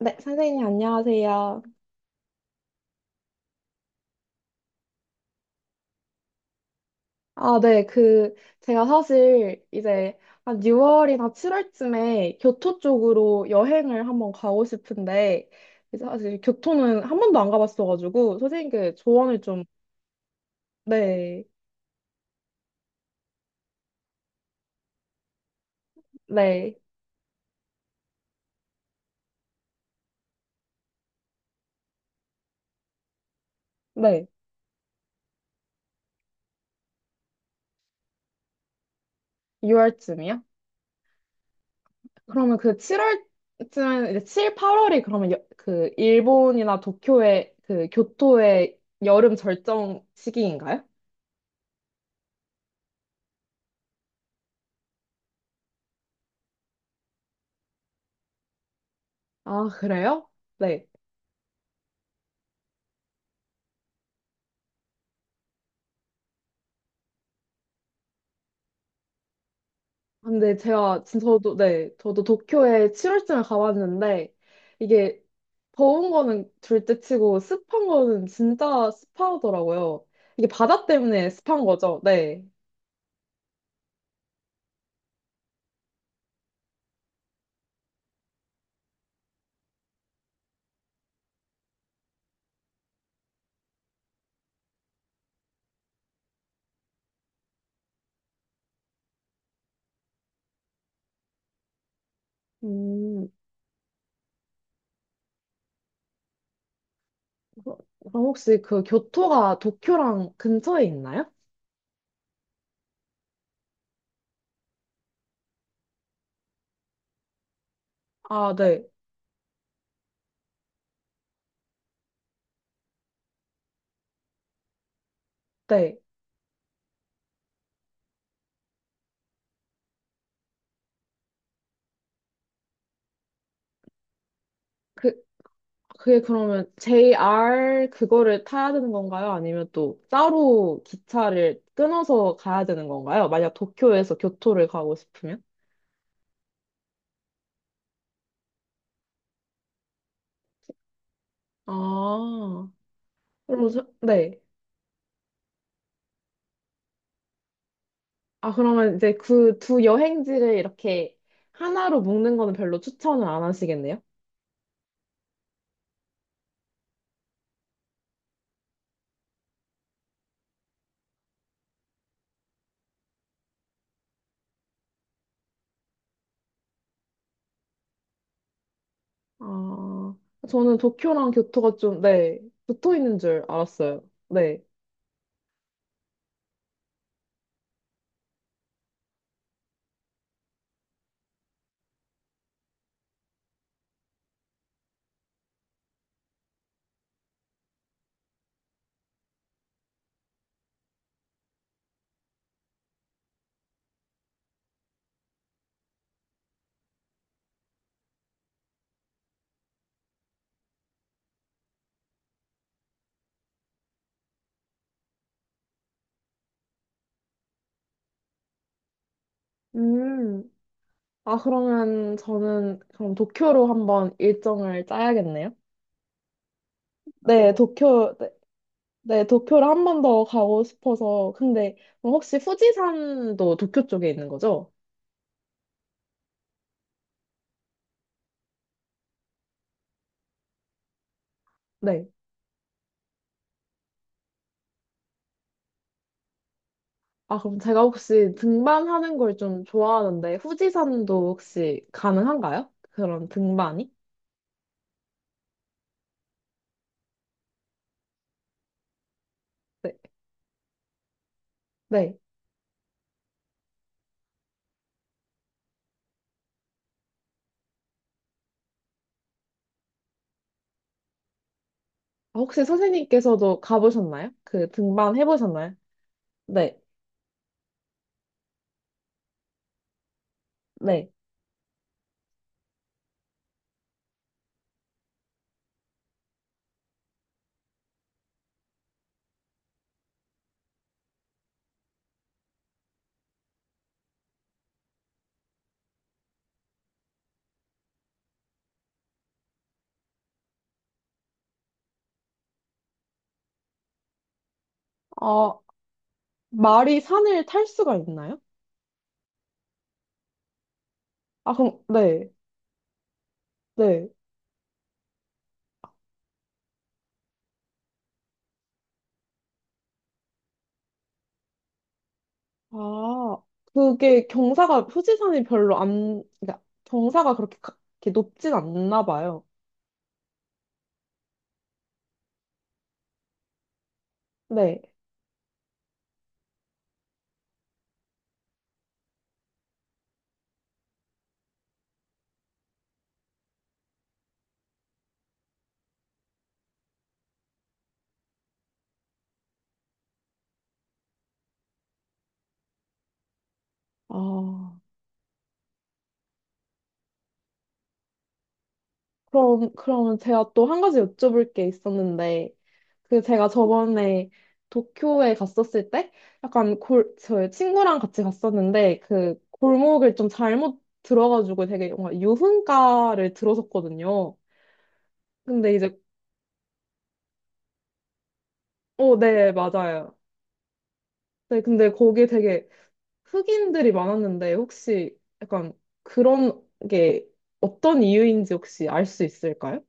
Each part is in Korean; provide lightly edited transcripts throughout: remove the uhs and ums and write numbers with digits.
네, 선생님, 안녕하세요. 아, 네, 제가 사실 이제 한 6월이나 7월쯤에 교토 쪽으로 여행을 한번 가고 싶은데, 이제 사실 교토는 한 번도 안 가봤어가지고, 선생님께 조언을 좀, 네, 네, 네, 6월쯤이요? 그러면 그 7월쯤, 이제 7, 8월이 그러면 그 일본이나 도쿄의 그 교토의 여름 절정 시기인가요? 아, 그래요? 네. 아, 근데 제가 저도 네 저도 도쿄에 7월쯤에 가봤는데 이게 더운 거는 둘째치고 습한 거는 진짜 습하더라고요. 이게 바다 때문에 습한 거죠. 네. 음, 그럼 혹시 그 교토가 도쿄랑 근처에 있나요? 아, 네. 네. 그 그게 그러면 JR 그거를 타야 되는 건가요? 아니면 또 따로 기차를 끊어서 가야 되는 건가요? 만약 도쿄에서 교토를 가고 싶으면? 아. 로즈, 네. 아, 그러면 이제 그 두 여행지를 이렇게 하나로 묶는 거는 별로 추천을 안 하시겠네요? 아, 저는 도쿄랑 교토가 좀, 네, 붙어 있는 줄 알았어요. 네. 음. 아, 그러면 저는 그럼 도쿄로 한번 일정을 짜야겠네요? 네, 도쿄, 네, 네, 도쿄를 한번 더 가고 싶어서. 근데 그럼 혹시 후지산도 도쿄 쪽에 있는 거죠? 네. 아, 그럼 제가 혹시 등반하는 걸 좀 좋아하는데, 후지산도 혹시 가능한가요? 그런 등반이? 네. 네. 아, 혹시 선생님께서도 가보셨나요? 그 등반 해보셨나요? 네. 네. 아, 말이 산을 탈 수가 있나요? 아, 그럼, 네. 네. 아, 그게 경사가, 후지산이 별로 안, 그러니까 경사가 그렇게, 이렇게 높진 않나 봐요. 네. 아, 그럼, 그러면 제가 또 한 가지 여쭤볼 게 있었는데, 그 제가 저번에 도쿄에 갔었을 때 약간 저희 친구랑 같이 갔었는데 그 골목을 좀 잘못 들어가지고 되게 뭔가 유흥가를 들어섰거든요. 근데 이제 네, 맞아요. 네, 근데 거기에 되게 흑인들이 많았는데 혹시 약간 그런 게 어떤 이유인지 혹시 알 수 있을까요?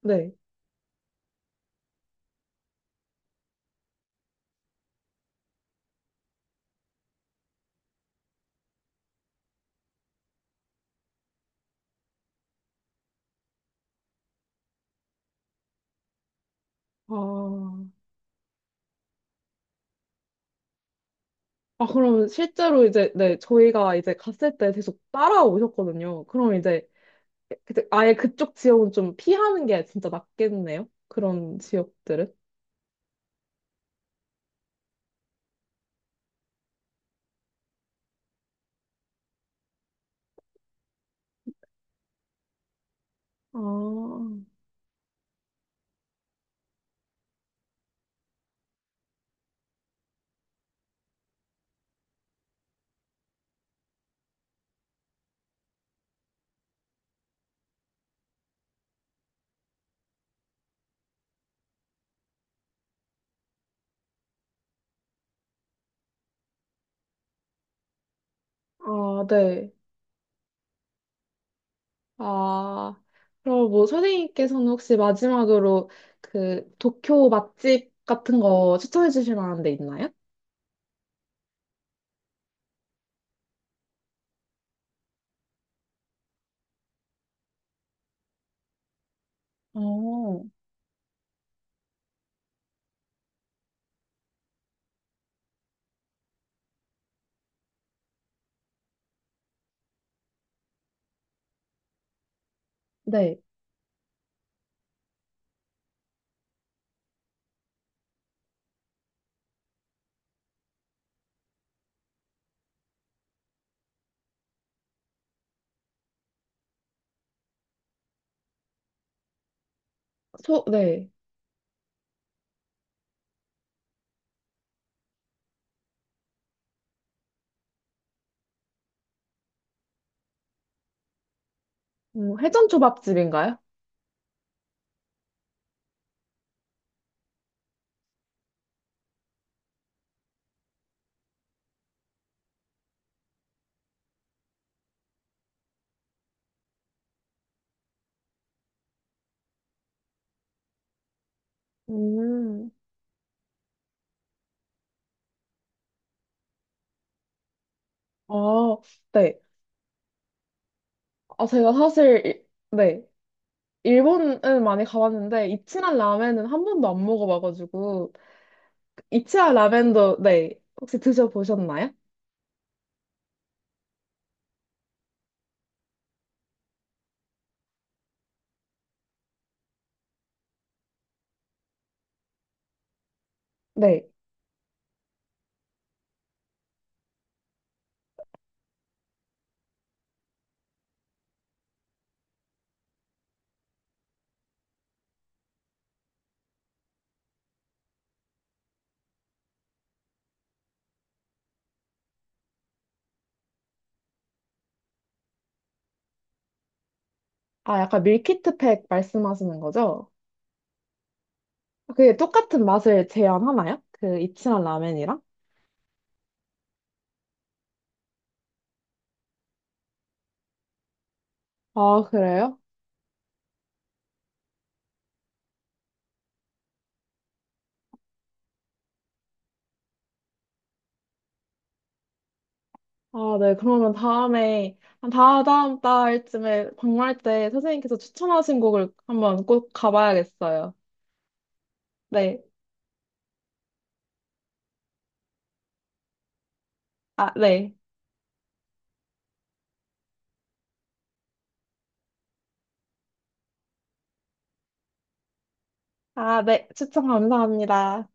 네. 아, 아, 그럼 실제로 이제, 네, 저희가 이제 갔을 때 계속 따라오셨거든요. 그럼 이제 아예 그쪽 지역은 좀 피하는 게 진짜 낫겠네요. 그런 지역들은. 아, 아, 네. 아, 그럼 뭐 선생님께서는 혹시 마지막으로 그 도쿄 맛집 같은 거 추천해 주실 만한 데 있나요? 어, 네. 네. 회전 초밥집인가요? 음. 아, 네. 아, 제가 사실, 네. 일본은 많이 가봤는데, 이치란 라멘은 한 번도 안 먹어봐가지고, 이치아 라벤더, 네. 혹시 드셔보셨나요? 네. 아, 약간 밀키트팩 말씀하시는 거죠? 아, 그게 똑같은 맛을 제한하나요? 그 이치아 라멘이랑? 아, 그래요? 아, 네. 그러면 다음에, 한 다다음 달쯤에 방문할 때 선생님께서 추천하신 곡을 한번 꼭 가봐야겠어요. 네. 아, 네. 아, 네. 추천 감사합니다.